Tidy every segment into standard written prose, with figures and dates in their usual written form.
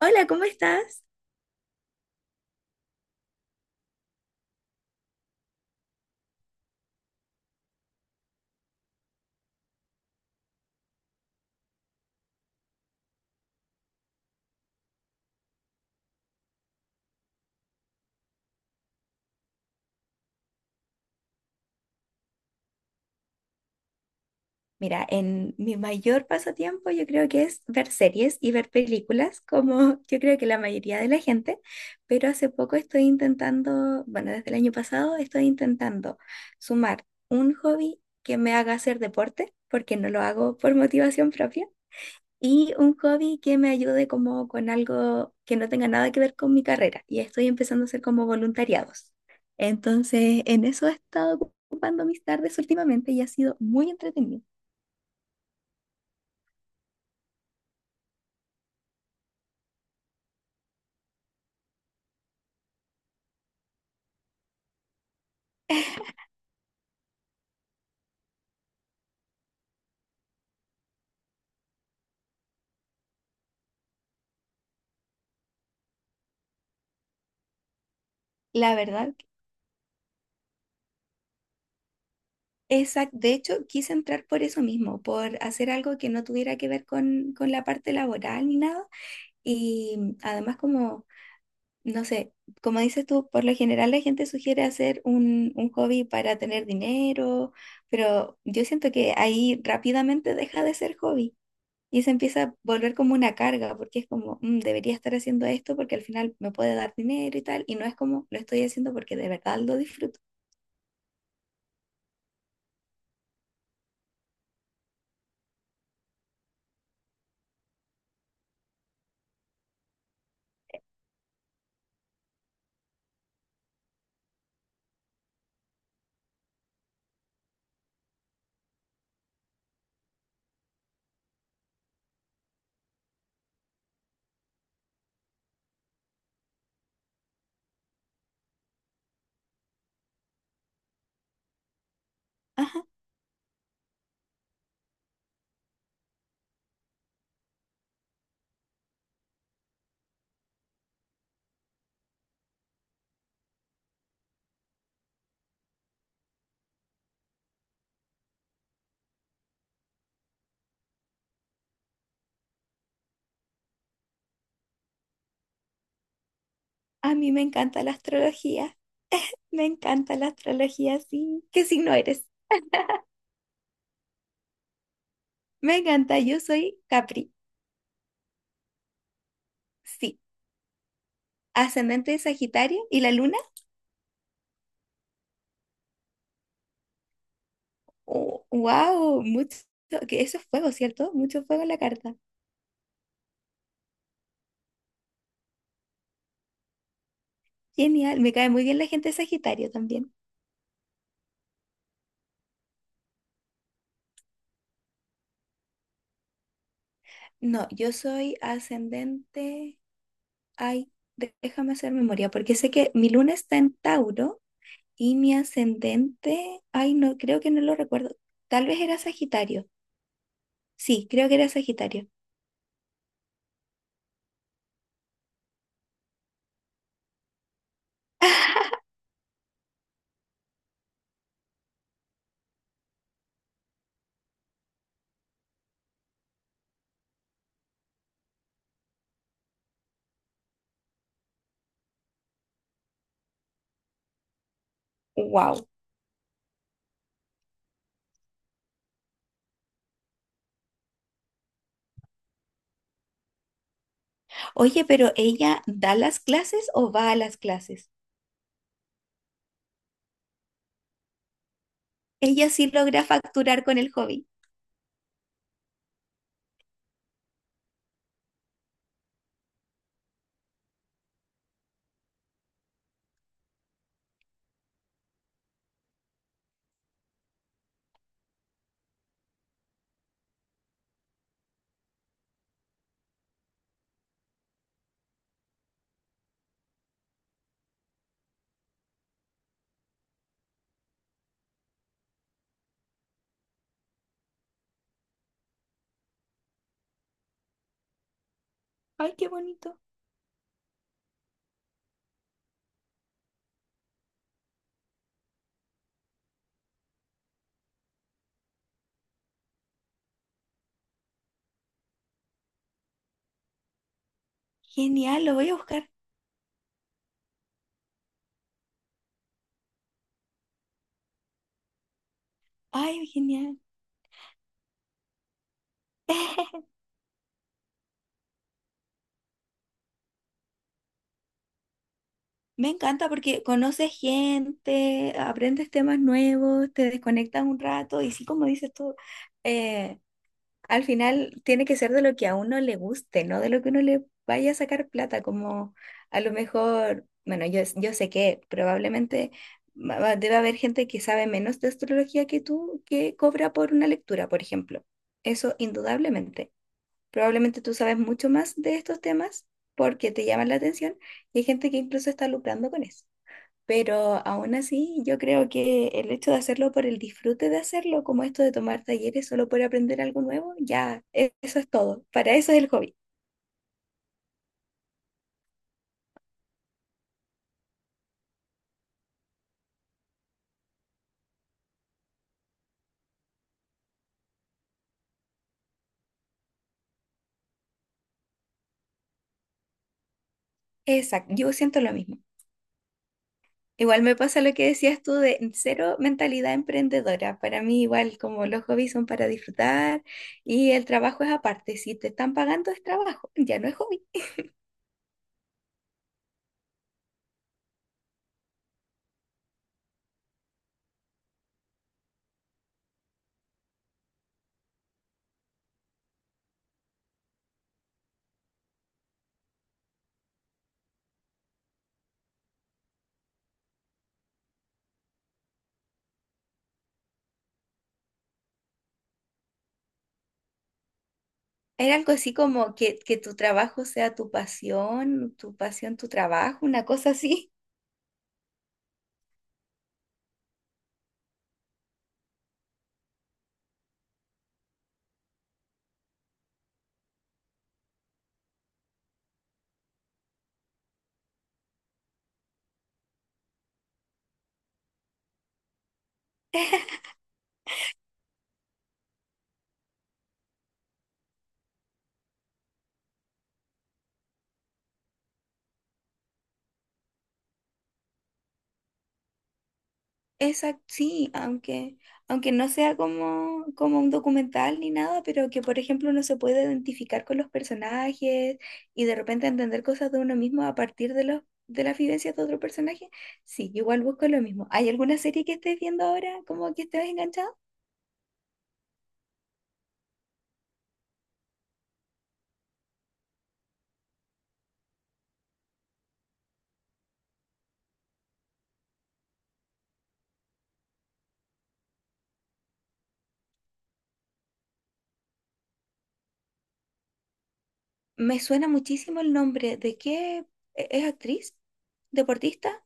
Hola, ¿cómo estás? Mira, en mi mayor pasatiempo yo creo que es ver series y ver películas, como yo creo que la mayoría de la gente, pero hace poco estoy intentando, bueno, desde el año pasado estoy intentando sumar un hobby que me haga hacer deporte, porque no lo hago por motivación propia, y un hobby que me ayude como con algo que no tenga nada que ver con mi carrera. Y estoy empezando a hacer como voluntariados. Entonces, en eso he estado ocupando mis tardes últimamente y ha sido muy entretenido. La verdad, esa, de hecho, quise entrar por eso mismo, por hacer algo que no tuviera que ver con la parte laboral ni nada. Y además como no sé, como dices tú, por lo general la gente sugiere hacer un hobby para tener dinero, pero yo siento que ahí rápidamente deja de ser hobby y se empieza a volver como una carga, porque es como, debería estar haciendo esto porque al final me puede dar dinero y tal, y no es como, lo estoy haciendo porque de verdad lo disfruto". Ajá, a mí me encanta la astrología, me encanta la astrología, sí. ¿Qué signo eres? Me encanta, yo soy Capri, sí. Ascendente de Sagitario y la luna. Wow, mucho, que eso es fuego, ¿cierto? Mucho fuego en la carta. Genial, me cae muy bien la gente de Sagitario también. No, yo soy ascendente. Ay, déjame hacer memoria, porque sé que mi luna está en Tauro y mi ascendente, ay, no, creo que no lo recuerdo. Tal vez era Sagitario. Sí, creo que era Sagitario. Wow. Oye, pero ¿ella da las clases o va a las clases? Ella sí logra facturar con el hobby. Ay, qué bonito. Genial, lo voy a buscar. Ay, genial. Me encanta porque conoces gente, aprendes temas nuevos, te desconectas un rato y sí, como dices tú, eh, al final tiene que ser de lo que a uno le guste, no de lo que uno le vaya a sacar plata, como a lo mejor, bueno, yo sé que probablemente debe haber gente que sabe menos de astrología que tú, que cobra por una lectura, por ejemplo. Eso indudablemente. Probablemente tú sabes mucho más de estos temas porque te llaman la atención y hay gente que incluso está lucrando con eso. Pero aún así, yo creo que el hecho de hacerlo por el disfrute de hacerlo, como esto de tomar talleres solo por aprender algo nuevo, ya eso es todo. Para eso es el hobby. Exacto, yo siento lo mismo. Igual me pasa lo que decías tú de cero mentalidad emprendedora. Para mí igual como los hobbies son para disfrutar y el trabajo es aparte. Si te están pagando es trabajo, ya no es hobby. Era algo así como que tu trabajo sea tu pasión, tu pasión, tu trabajo, una cosa así. Exacto, sí, aunque no sea como, como un documental ni nada, pero que por ejemplo uno se puede identificar con los personajes y de repente entender cosas de uno mismo a partir de las vivencias de otro personaje. Sí, yo igual busco lo mismo. ¿Hay alguna serie que estés viendo ahora como que estés enganchado? Me suena muchísimo el nombre. ¿De qué? Es actriz? ¿Deportista?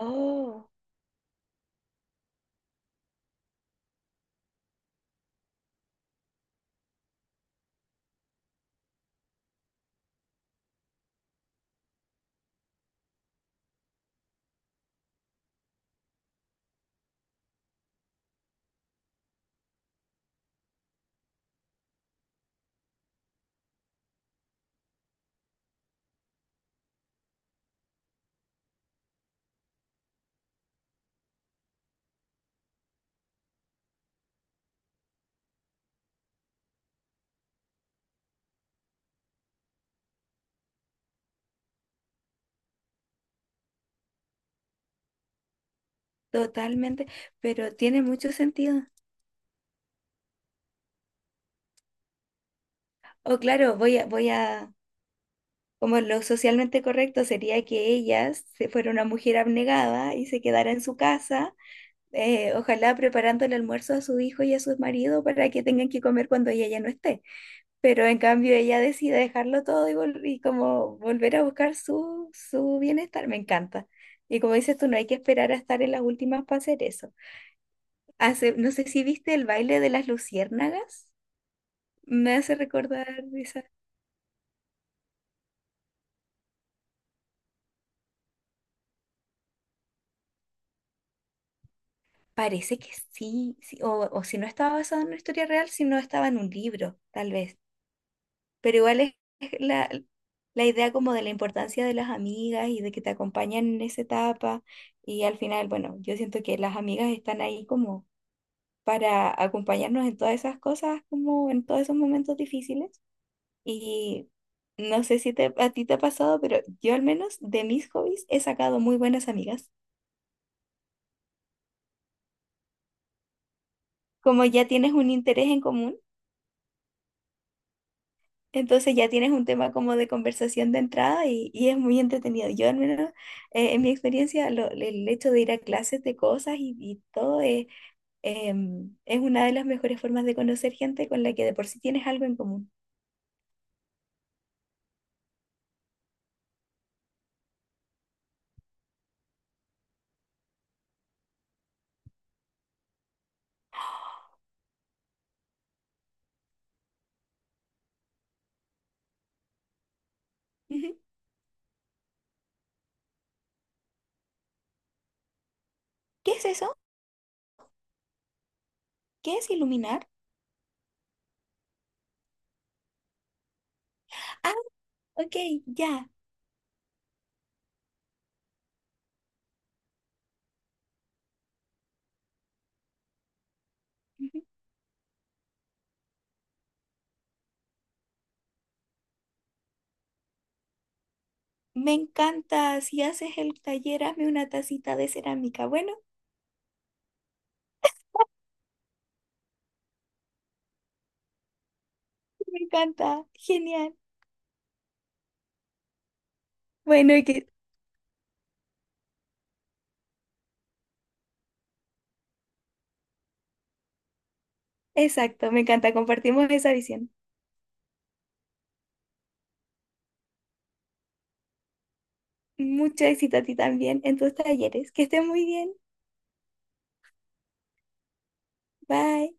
Oh. Totalmente, pero tiene mucho sentido. O claro, como lo socialmente correcto sería que ella se fuera una mujer abnegada y se quedara en su casa, ojalá preparando el almuerzo a su hijo y a su marido para que tengan que comer cuando ella ya no esté. Pero en cambio ella decide dejarlo todo y, y como volver a buscar su bienestar, me encanta. Y como dices tú, no hay que esperar a estar en las últimas para hacer eso. Hace, no sé si viste el baile de las luciérnagas. Me hace recordar esa. Parece que sí, sí, o si no estaba basado en una historia real, si no estaba en un libro, tal vez. Pero igual es la, la idea como de la importancia de las amigas y de que te acompañan en esa etapa. Y al final, bueno, yo siento que las amigas están ahí como para acompañarnos en todas esas cosas, como en todos esos momentos difíciles. Y no sé si a ti te ha pasado, pero yo al menos de mis hobbies he sacado muy buenas amigas. Como ya tienes un interés en común. Entonces ya tienes un tema como de conversación de entrada y es muy entretenido. Yo al menos, en mi experiencia, el hecho de ir a clases de cosas y todo es, es una de las mejores formas de conocer gente con la que de por sí tienes algo en común. Ujú. ¿Qué es eso? ¿Qué es iluminar? Ah, ok, ya. Ujú. Me encanta. Si haces el taller, hazme una tacita de cerámica. Bueno, me encanta. Genial. Bueno, y que, exacto, me encanta. Compartimos esa visión. Mucho éxito a ti también en tus talleres. Que estés muy bien. Bye.